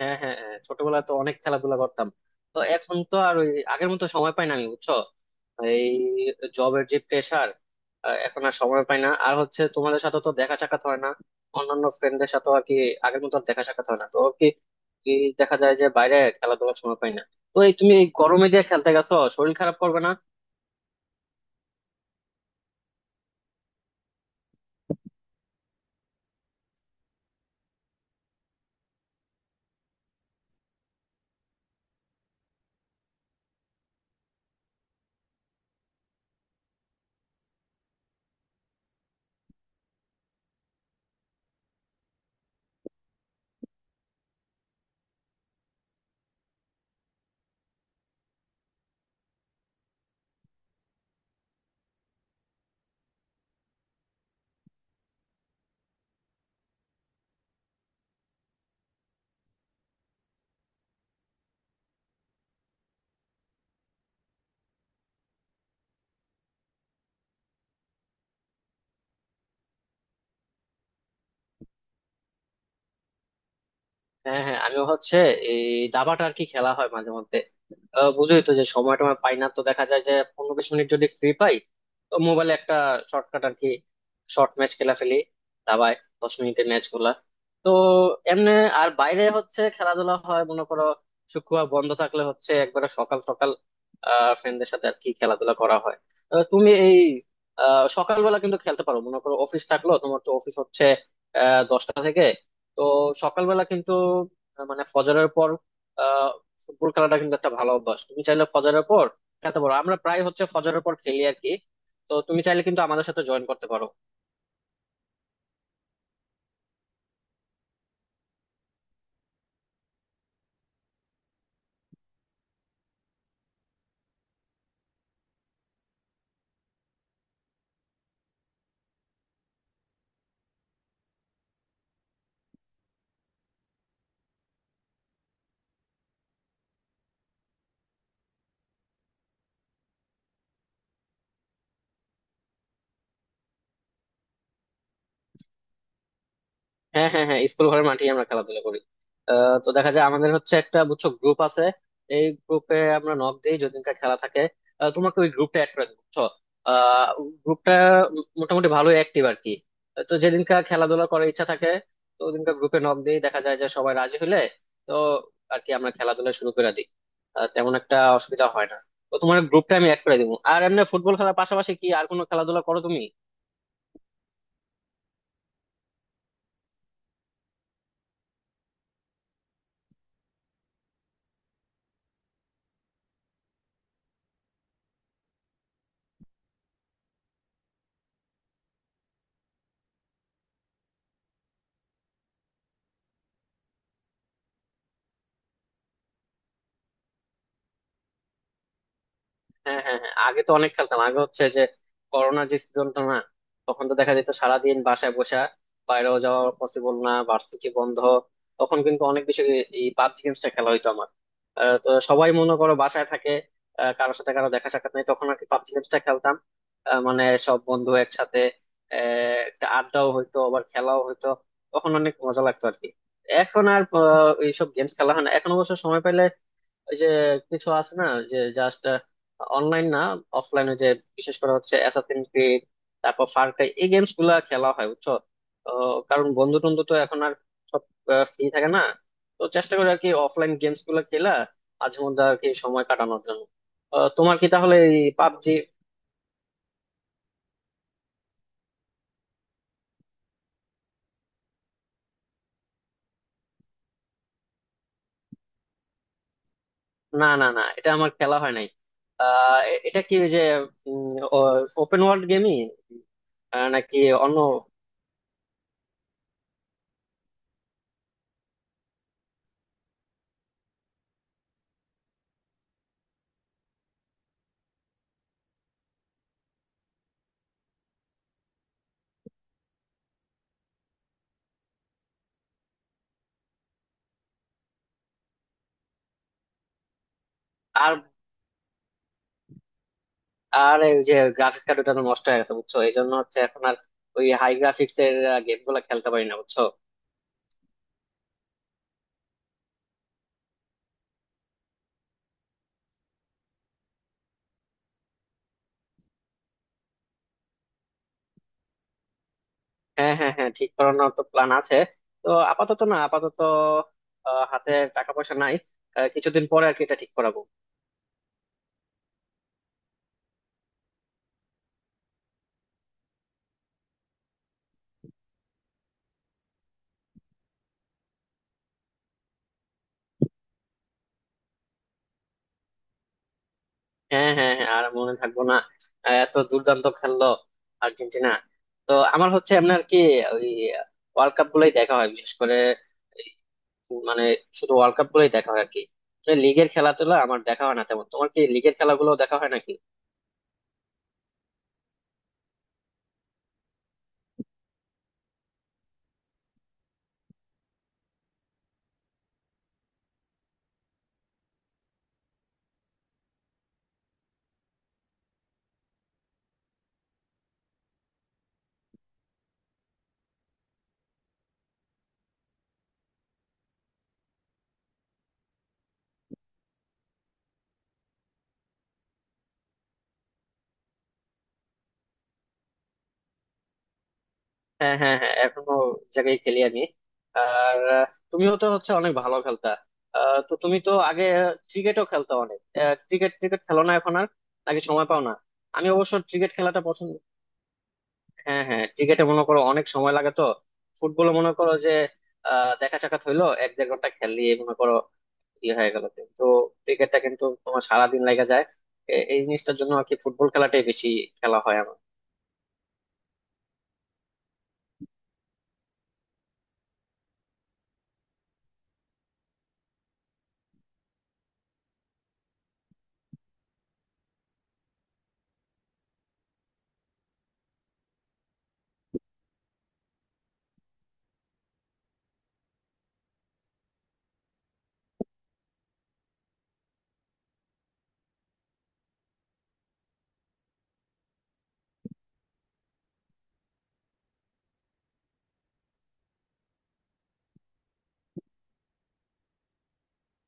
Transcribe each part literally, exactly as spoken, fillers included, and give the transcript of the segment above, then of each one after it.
হ্যাঁ, হ্যাঁ, হ্যাঁ, ছোটবেলায় তো অনেক খেলাধুলা করতাম। তো এখন তো আর ওই আগের মতো সময় পাই না, আমি বুঝছো, এই জবের যে প্রেশার, এখন আর সময় পাই না। আর হচ্ছে তোমাদের সাথে তো দেখা সাক্ষাৎ হয় না, অন্যান্য ফ্রেন্ডদের সাথে আর কি আগের মতো আর দেখা সাক্ষাৎ হয় না। তো কি কি দেখা যায় যে বাইরে খেলাধুলার সময় পাই না। তো এই তুমি এই গরমে দিয়ে খেলতে গেছো, শরীর খারাপ করবে না? হ্যাঁ, হ্যাঁ, আমিও হচ্ছে এই দাবাটা আর কি খেলা হয় মাঝে মধ্যে। আহ, বুঝোই তো যে সময় টময় পাই না, তো দেখা যায় যে পনেরো বিশ মিনিট যদি ফ্রি পাই, তো মোবাইলে একটা শর্টকাট আর কি, শর্ট ম্যাচ খেলা ফেলি দাবায়, দশ মিনিটের ম্যাচ গুলা। তো এমনি আর বাইরে হচ্ছে খেলাধুলা হয় মনে করো শুক্রবার বন্ধ থাকলে, হচ্ছে একবারে সকাল সকাল আহ ফ্রেন্ডদের সাথে আর কি খেলাধুলা করা হয়। আহ, তুমি এই আহ সকালবেলা কিন্তু খেলতে পারো, মনে করো অফিস থাকলো, তোমার তো অফিস হচ্ছে আহ দশটা থেকে। তো সকালবেলা কিন্তু আহ, মানে ফজরের পর আহ ফুটবল খেলাটা কিন্তু একটা ভালো অভ্যাস। তুমি চাইলে ফজরের পর খেতে পারো, আমরা প্রায় হচ্ছে ফজরের পর খেলি আর কি। তো তুমি চাইলে কিন্তু আমাদের সাথে জয়েন করতে পারো। হ্যাঁ, হ্যাঁ, হ্যাঁ, স্কুল ঘরের মাঠেই আমরা খেলাধুলা করি। আহ, তো দেখা যায় আমাদের হচ্ছে একটা, বুঝছো, গ্রুপ আছে। এই গ্রুপে আমরা নক দিই যেদিনকার খেলা থাকে। আহ, তোমাকে ওই গ্রুপটা অ্যাড করে দিই বুঝছো। গ্রুপটা মোটামুটি ভালোই অ্যাক্টিভ আর কি। আহ, তো যেদিনকার খেলাধুলা করার ইচ্ছা থাকে, তো ওদিনকার গ্রুপে নক দিই, দেখা যায় যে সবাই রাজি হলে, তো আর কি আমরা খেলাধুলা শুরু করে দিই। আহ, তেমন একটা অসুবিধা হয় না। তো তোমার গ্রুপটা আমি অ্যাড করে দিবো। আর এমনি ফুটবল খেলার পাশাপাশি কি আর কোনো খেলাধুলা করো তুমি? হ্যাঁ, হ্যাঁ, হ্যাঁ, আগে তো অনেক খেলতাম। আগে হচ্ছে যে করোনা যে সিজনটা না, তখন তো দেখা যেত সারাদিন বাসায় বসা, বাইরেও যাওয়া পসিবল না, ভার্সিটি বন্ধ, তখন কিন্তু অনেক বেশি এই পাবজি গেমসটা খেলা হইতো আমার। আহ, তো সবাই মনে করো বাসায় থাকে, আহ, কারোর সাথে কারো দেখা সাক্ষাৎ নেই, তখন আর কি পাবজি গেমসটা খেলতাম। আহ, মানে সব বন্ধু একসাথে আহ, একটা আড্ডাও হইতো আবার খেলাও হইতো। তখন অনেক মজা লাগতো আর কি। এখন আর আহ, এইসব গেমস খেলা হয় না। এখন অবশ্য সময় পাইলে ওই যে কিছু আছে না, যে জাস্ট অনলাইন না, অফলাইনে, যে বিশেষ করে হচ্ছে অ্যাসাসিন ক্রিড, তারপর ফার ক্রাই, এই গেমস গুলা খেলা হয় বুঝছো। তো কারণ বন্ধু টন্ধু তো এখন আর সব ফ্রি থাকে না। তো চেষ্টা করি আর কি অফলাইন গেমস গুলা খেলা মাঝে মধ্যে আর কি সময় কাটানোর জন্য। আহ, তোমার কি তাহলে এই পাবজি? না, না, না, এটা আমার খেলা হয় নাই। আহ, এ- এটা কি ওই যে ওপেন ওয়ার্ল্ড গেমই নাকি অন্য? আর আর এই যে গ্রাফিক্স কার্ড, ওটা তো নষ্ট হয়ে গেছে বুঝছো। এই জন্য হচ্ছে এখন আর ওই হাই গ্রাফিক্স এর গেম গুলা খেলতে পারি না বুঝছো। হ্যাঁ, হ্যাঁ, হ্যাঁ, ঠিক করানোর তো প্ল্যান আছে। তো আপাতত না আপাতত আহ, হাতে টাকা পয়সা নাই। আহ, কিছুদিন পরে আর কি এটা ঠিক করাবো। হ্যাঁ, হ্যাঁ, হ্যাঁ, আর মনে থাকবো না? আহ, এত দুর্দান্ত খেললো আর্জেন্টিনা। তো আমার হচ্ছে এমনি আর কি ওই ওয়ার্ল্ড কাপ গুলোই দেখা হয়, বিশেষ করে এই মানে শুধু ওয়ার্ল্ড কাপ গুলোই দেখা হয় আর কি। লিগের খেলা টেলা আমার দেখা হয় না তেমন। তোমার কি লিগের খেলাগুলো দেখা হয় নাকি? হ্যাঁ, হ্যাঁ, হ্যাঁ, এখনো জায়গায় খেলি আমি। আর আহ, তুমিও তো হচ্ছে অনেক ভালো খেলতা। আহ, তো তুমি তো আগে ক্রিকেটও খেলতা অনেক। ক্রিকেট ক্রিকেট খেলো না এখন আর? আগে সময় পাও না? আমি অবশ্য ক্রিকেট খেলাটা পছন্দ। হ্যাঁ, হ্যাঁ, ক্রিকেটে মনে করো অনেক সময় লাগে তো। ফুটবলে মনে করো যে আহ দেখা সাক্ষাৎ হইলো, এক দেড় ঘন্টা খেললি মনে করো, ইয়ে হয়ে গেল। কিন্তু ক্রিকেটটা কিন্তু তোমার সারাদিন লেগে যায়। এ- এই জিনিসটার জন্য আর কি ফুটবল খেলাটাই বেশি খেলা হয় আমার।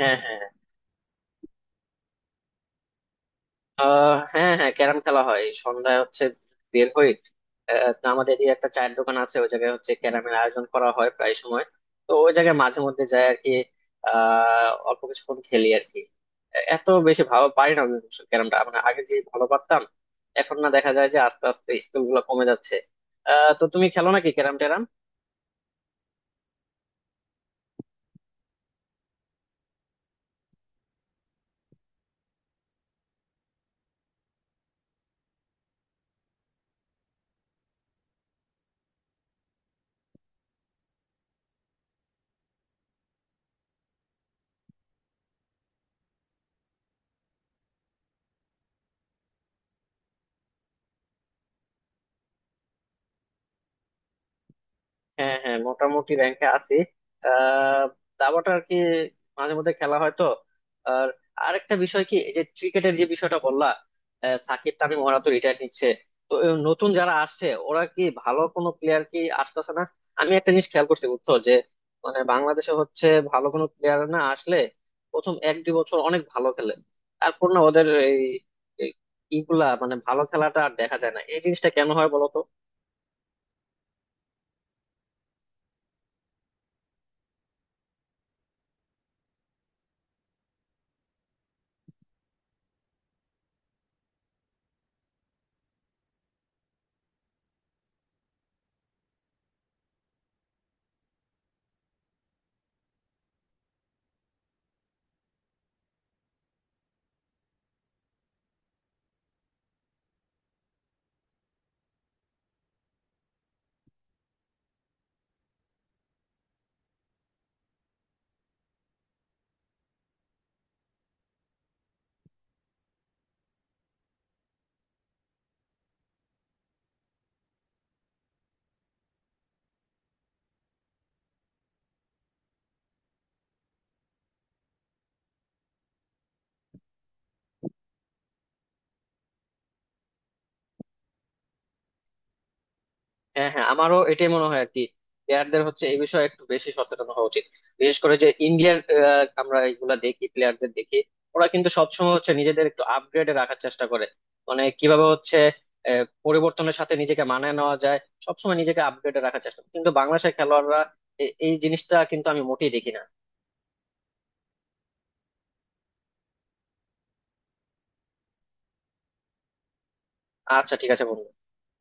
হ্যাঁ, হ্যাঁ, আহ হ্যাঁ, হ্যাঁ, ক্যারাম খেলা হয় এই সন্ধ্যায় হচ্ছে বের হই। আহ, তো আমাদের এদিকে একটা চায়ের দোকান আছে, ওই জায়গায় হচ্ছে ক্যারামের আয়োজন করা হয় প্রায় সময়। তো ওই জায়গায় মাঝে মধ্যে যাই আর কি, আহ অল্প কিছুক্ষণ খেলি আর কি। এত বেশি ভালো পারি না আমি অবশ্য ক্যারামটা, মানে আগে যে ভালো পারতাম, এখন না দেখা যায় যে আস্তে আস্তে স্কিল গুলো কমে যাচ্ছে। আহ তো তুমি খেলো নাকি ক্যারাম ট্যারাম? হ্যাঁ, হ্যাঁ, মোটামুটি র্যাঙ্কে আছি। আহ দাবাটা আর কি মাঝে মধ্যে খেলা হয়। তো আর আরেকটা বিষয় কি, এই যে ক্রিকেটের যে বিষয়টা বললা, আহ, সাকিব তামিম ওরা তো রিটায়ার নিচ্ছে। তো এই নতুন যারা আসছে ওরা কি ভালো কোনো প্লেয়ার কি আসতেছে না? আমি একটা জিনিস খেয়াল করছি বুঝছো, যে মানে বাংলাদেশে হচ্ছে ভালো কোনো প্লেয়ার না আসলে প্রথম এক দুই বছর অনেক ভালো খেলে। তারপর না ওদের এই এই ইগুলা, মানে ভালো খেলাটা আর দেখা যায় না। এই জিনিসটা কেন হয় বলো তো? হ্যাঁ, হ্যাঁ, আমারও এটাই মনে হয় আর কি। প্লেয়ারদের হচ্ছে এই বিষয়ে একটু বেশি সচেতন হওয়া উচিত। বিশেষ করে যে ইন্ডিয়ার আহ, আমরা এগুলা দেখি, প্লেয়ারদের দেখি, ওরা কিন্তু সবসময় হচ্ছে নিজেদের একটু আপগ্রেডে রাখার চেষ্টা করে। মানে কিভাবে হচ্ছে আহ, পরিবর্তনের সাথে নিজেকে মানায় নেওয়া যায়, সবসময় নিজেকে আপগ্রেডে রাখার চেষ্টা করে। কিন্তু বাংলাদেশের খেলোয়াড়রা এ- এই জিনিসটা কিন্তু আমি মোটেই দেখি না। আচ্ছা, ঠিক আছে বন্ধু।